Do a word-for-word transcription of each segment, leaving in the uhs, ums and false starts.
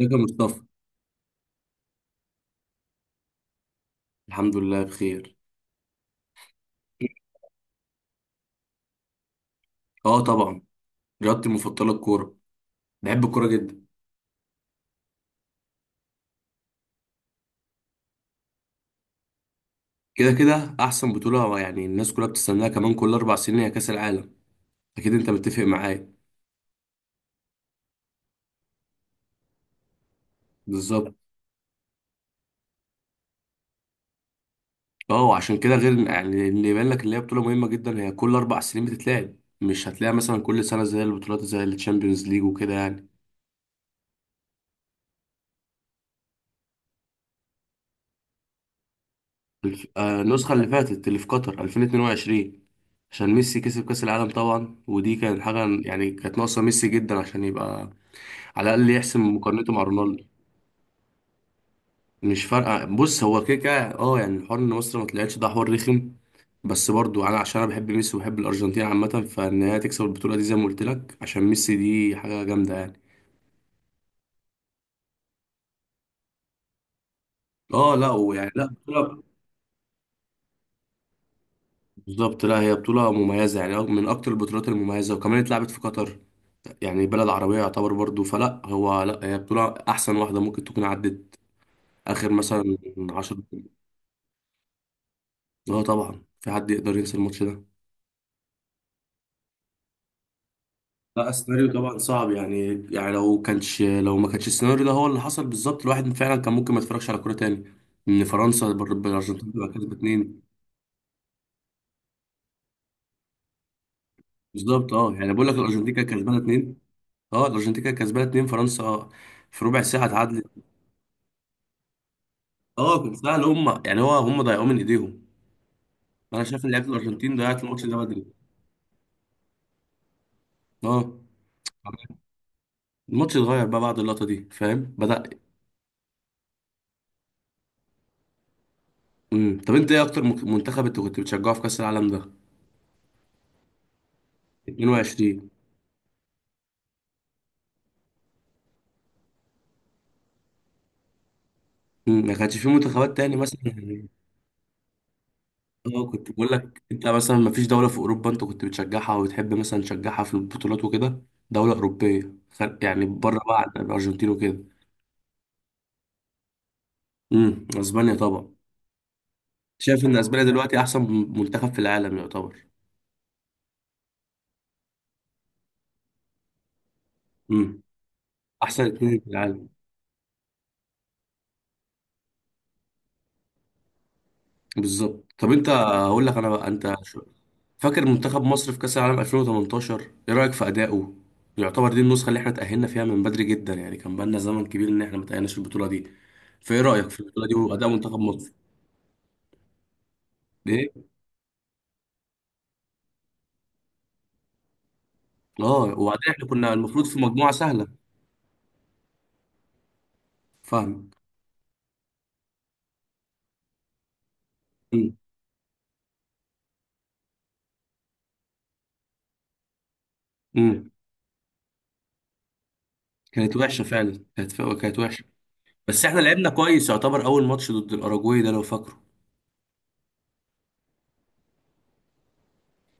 ازيك يا مصطفى؟ الحمد لله بخير. اه، طبعا. رياضتي المفضله الكوره. بحب الكوره جدا. كده كده احسن بطوله، يعني الناس كلها بتستناها، كمان كل اربع سنين هي كاس العالم. اكيد انت متفق معايا. بالظبط. اه وعشان كده غير إن- يعني اللي يبان لك ان هي بطوله مهمه جدا، هي كل اربع سنين بتتلعب. مش هتلاقيها مثلا كل سنه زي البطولات، زي الشامبيونز ليج وكده يعني. الف- آه، النسخه اللي فاتت اللي في قطر ألفين واتنين وعشرين، عشان ميسي كسب كاس العالم طبعا، ودي كانت حاجه. يعني كانت ناقصه ميسي جدا عشان يبقى على الاقل يحسم مقارنته مع رونالدو. مش فارقه، بص هو كده كده، اه يعني الحوار ان مصر ما طلعتش ده حوار رخم. بس برضو انا عشان انا بحب ميسي وبحب الارجنتين عامه، فان هي تكسب البطوله دي زي ما قلت لك عشان ميسي دي حاجه جامده يعني. اه لا، ويعني لا بطوله. بالظبط، لا هي بطوله مميزه يعني من اكتر البطولات المميزه، وكمان اتلعبت في قطر يعني بلد عربيه يعتبر برضو، فلا هو لا هي بطوله احسن واحده ممكن تكون عدت اخر مثلا. عشرة. اه طبعا، في حد يقدر ينسى الماتش ده؟ لا السيناريو طبعا صعب، يعني يعني لو كانش لو ما كانش السيناريو ده هو اللي حصل بالظبط، الواحد فعلا كان ممكن ما يتفرجش على كوره تاني. ان فرنسا بر- بالارجنتين تبقى كسبه اتنين. بالظبط. اه يعني بقول لك الارجنتين كانت كسبانه اتنين. اه الارجنتين كانت كسبانه اتنين، فرنسا آه، في ربع ساعه اتعادلت. اه كان سهل هم، يعني هو هم ضيعوه من ايديهم. انا شايف ان لعيبه الارجنتين ضيعت الماتش ده بدري. اه. الماتش اتغير بقى بعد اللقطه دي، فاهم، بدأ. امم طب انت ايه اكتر مك- منتخب انت كنت بتشجعه في كاس العالم ده؟ اتنين وعشرين. امم ما كانش في منتخبات تاني مثلا؟ اه كنت بقول لك، انت مثلا ما فيش دولة في اوروبا انت كنت بتشجعها وبتحب مثلا تشجعها في البطولات وكده؟ دولة اوروبية خارج- يعني بره بقى عن الارجنتين وكده. امم، اسبانيا طبعا. شايف ان اسبانيا دلوقتي احسن منتخب في العالم يعتبر. امم. احسن اتنين في العالم. بالظبط. طب انت هقول لك انا بقى، انت شو- فاكر منتخب مصر في كاس العالم ألفين وثمانية عشر؟ ايه رايك في ادائه؟ يعتبر دي النسخة اللي احنا تأهلنا فيها من بدري جدا، يعني كان بقالنا زمن كبير ان احنا ما تأهلناش في البطولة دي. فايه رايك في البطولة دي واداء منتخب مصر؟ ايه؟ اه، وبعدين احنا كنا المفروض في مجموعة سهلة. فاهم. امم. أمم. كانت وحشة فعلا، كانت ف... كانت وحشة. بس احنا لعبنا كويس يعتبر، اول ماتش ضد الاراجواي ده لو فاكره.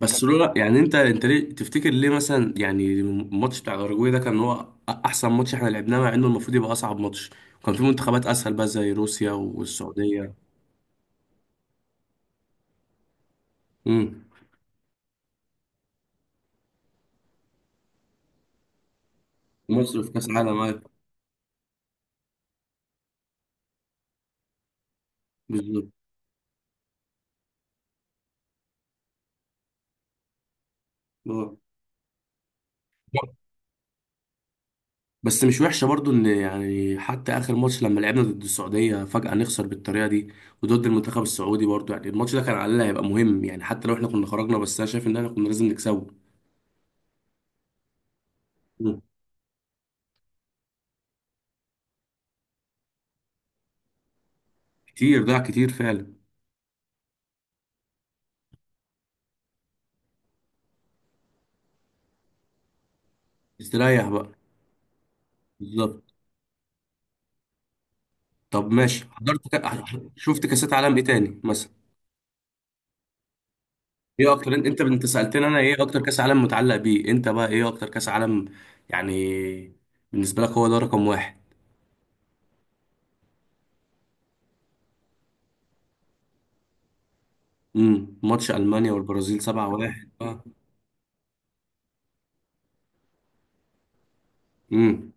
بس لولا يعني، انت انت ليه تفتكر، ليه مثلا يعني الماتش بتاع الاراجواي ده كان هو أ- احسن ماتش احنا لعبناه، مع انه المفروض يبقى اصعب ماتش. وكان في منتخبات اسهل بقى زي روسيا والسعودية. امم. مصر في كاس العالم، أيوة. بالظبط. آه. بس مش وحشه برضو، ان يعني حتى اخر ماتش لما لعبنا ضد السعوديه فجاه نخسر بالطريقه دي، وضد المنتخب السعودي برضو. يعني الماتش ده كان على الاقل هيبقى مهم، يعني حتى لو احنا كنا خرجنا، بس انا شايف ان احنا كنا لازم نكسبه. مم. كتير، ضاع كتير فعلا. استريح بقى. بالظبط. طب ماشي حضرت كا... شفت كاسات عالم ايه تاني مثلا؟ ايه اكتر، انت انت انت سالتني انا ايه اكتر كاس عالم متعلق بيه، انت بقى ايه اكتر كاس عالم يعني بالنسبه لك هو ده رقم واحد؟ امم. ماتش المانيا والبرازيل سبعة واحد، اه. امم.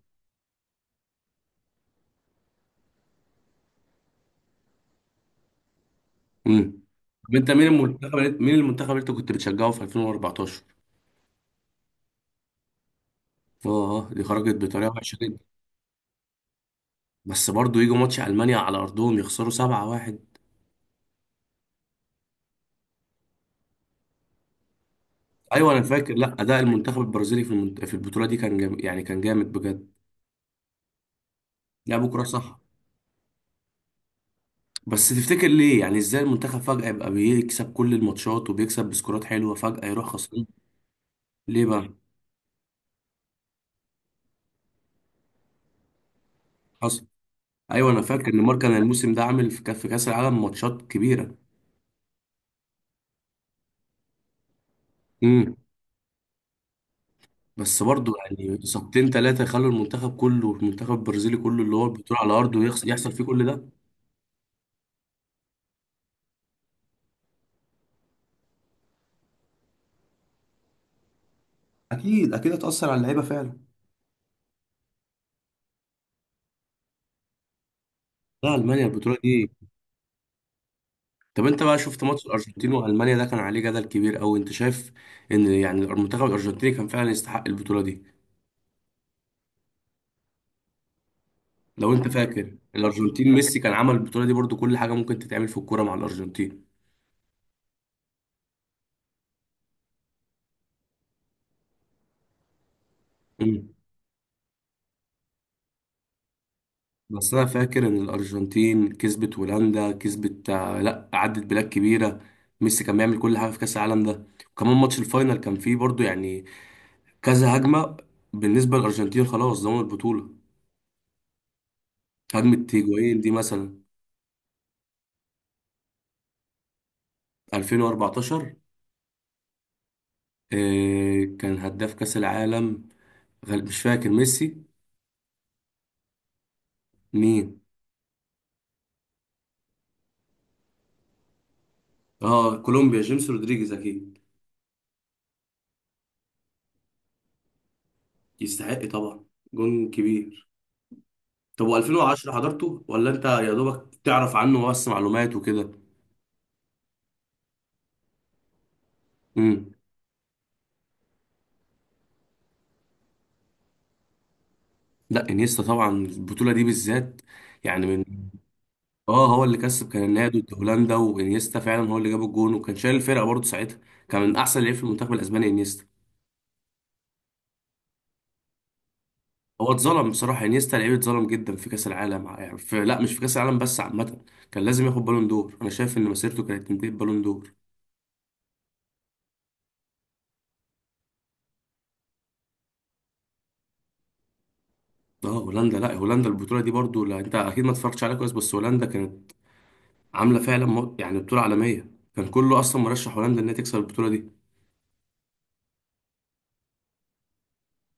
امم. طب انت مين المنتخب اللي- مين المنتخب اللي انت كنت بتشجعه في ألفين وأربعتاشر؟ اه، آه، دي خرجت بطريقه وحشه جدا. بس برضه يجوا ماتش المانيا على ارضهم يخسروا سبعة واحد. ايوه انا فاكر. لا اداء المنتخب البرازيلي في المنت... في البطوله دي كان جام... يعني كان جامد بجد. لعبوا كوره صح. بس تفتكر ليه يعني، ازاي المنتخب فجاه يبقى بيكسب كل الماتشات وبيكسب بسكورات حلوه فجاه يروح خسران؟ ليه بقى؟ حصل. ايوه انا فاكر نيمار كان الموسم ده عامل في كاس في كأس العالم ماتشات كبيره. امم. بس برضه يعني إصابتين ثلاثة يخلوا المنتخب كله، المنتخب البرازيلي كله اللي هو البطولة على أرضه يخس- يحصل فيه كل ده؟ اكيد اكيد هتأثر على اللعيبه فعلا. لا ألمانيا البطولة دي. طب أنت بقى شفت ماتش الأرجنتين وألمانيا ده، كان عليه جدل كبير أوي، أنت شايف إن يعني المنتخب الأرجنتيني كان فعلا يستحق البطولة دي؟ لو أنت فاكر الأرجنتين، ميسي كان عمل البطولة دي برضه، كل حاجة ممكن تتعمل في الكورة مع الأرجنتين. بس انا فاكر ان الارجنتين كسبت هولندا، كسبت آه، لا عدت بلاد كبيره. ميسي كان بيعمل كل حاجه في كاس العالم ده. وكمان ماتش الفاينل كان فيه برضو يعني كذا هجمه. بالنسبه للارجنتين خلاص ضمنوا البطوله. هجمه هيجوين دي مثلا. ألفين وأربعة عشر. آه، كان هداف كاس العالم غال- مش فاكر، ميسي. مين؟ اه، كولومبيا، جيمس رودريجيز اكيد. يستحق طبعا. جون كبير. طب و2010 حضرته ولا انت يا دوبك تعرف عنه بس معلومات وكده؟ امم. لا انيستا طبعا البطوله دي بالذات يعني من. اه هو اللي كسب كان النهائي ضد هولندا، وانيستا فعلا هو اللي جاب الجون وكان شايل الفرقه برضه ساعتها. كان من احسن لعيب في المنتخب الاسباني، انيستا. هو اتظلم بصراحه انيستا، لعيب اتظلم جدا في كاس العالم، يعني في، لا مش في كاس العالم بس، عامه كان لازم ياخد بالون دور. انا شايف ان مسيرته كانت تنتهي ببالون دور. اه هولندا، لا هولندا البطوله دي برضو، لا انت اكيد ما اتفرجتش عليها كويس، بس هولندا كانت عامله فعلا م- يعني بطوله عالميه، كان كله اصلا مرشح هولندا انها تكسب البطوله دي.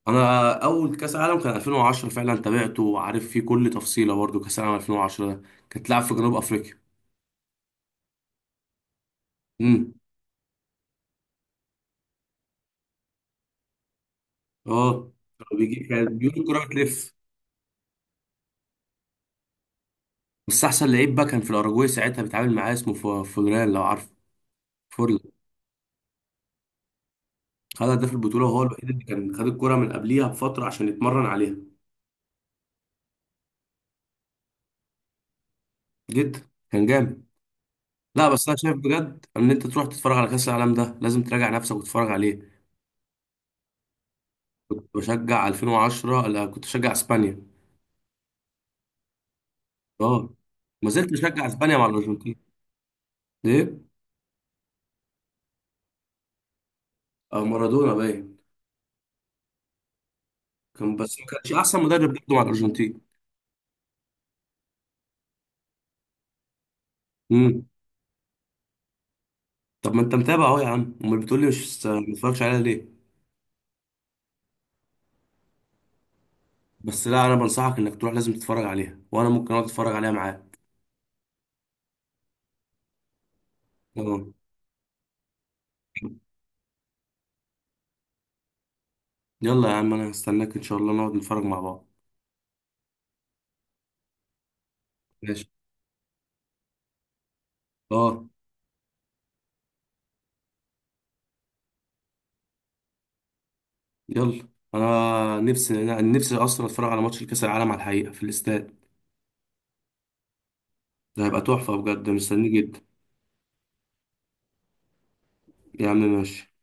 انا اول كاس عالم كان ألفين وعشرة فعلا تابعته، وعارف فيه كل تفصيله برضو، كاس عالم ألفين وعشرة ده كانت لعب في جنوب افريقيا. امم. اه كانوا بيجي، كان بيقول الكره بتلف. بس احسن لعيب بقى كان في الاراجواي ساعتها بيتعامل معاه، اسمه ف- فورلان لو عارف. فورلان خد هداف البطوله، وهو الوحيد اللي كان خد الكره من قبليها بفتره عشان يتمرن عليها. جدا كان جامد. لا بس انا شايف بجد ان انت تروح تتفرج على كاس العالم ده، لازم تراجع نفسك وتتفرج عليه. كنت بشجع ألفين وعشرة، لا كنت بشجع اسبانيا. اه. ما زلت بشجع اسبانيا مع الارجنتين. ليه؟ اه مارادونا باين. كان بس ما كانش احسن مدرب برضه مع الارجنتين. امم. طب ما انت متابع اهو يا عم، امال بتقول لي مش س- ما اتفرجش عليها ليه؟ بس لا انا بنصحك انك تروح لازم تتفرج عليها، وانا ممكن اقعد اتفرج عليها معاك. اه. يلا يا عم، انا هستناك ان شاء الله نقعد نتفرج مع بعض. ماشي. اه. يلا. انا نفسي انا نفسي اصلا اتفرج على ماتش الكاس العالم على الحقيقه في الاستاد. ده هيبقى تحفه بجد، مستنيه جدا. يا عم ماشي.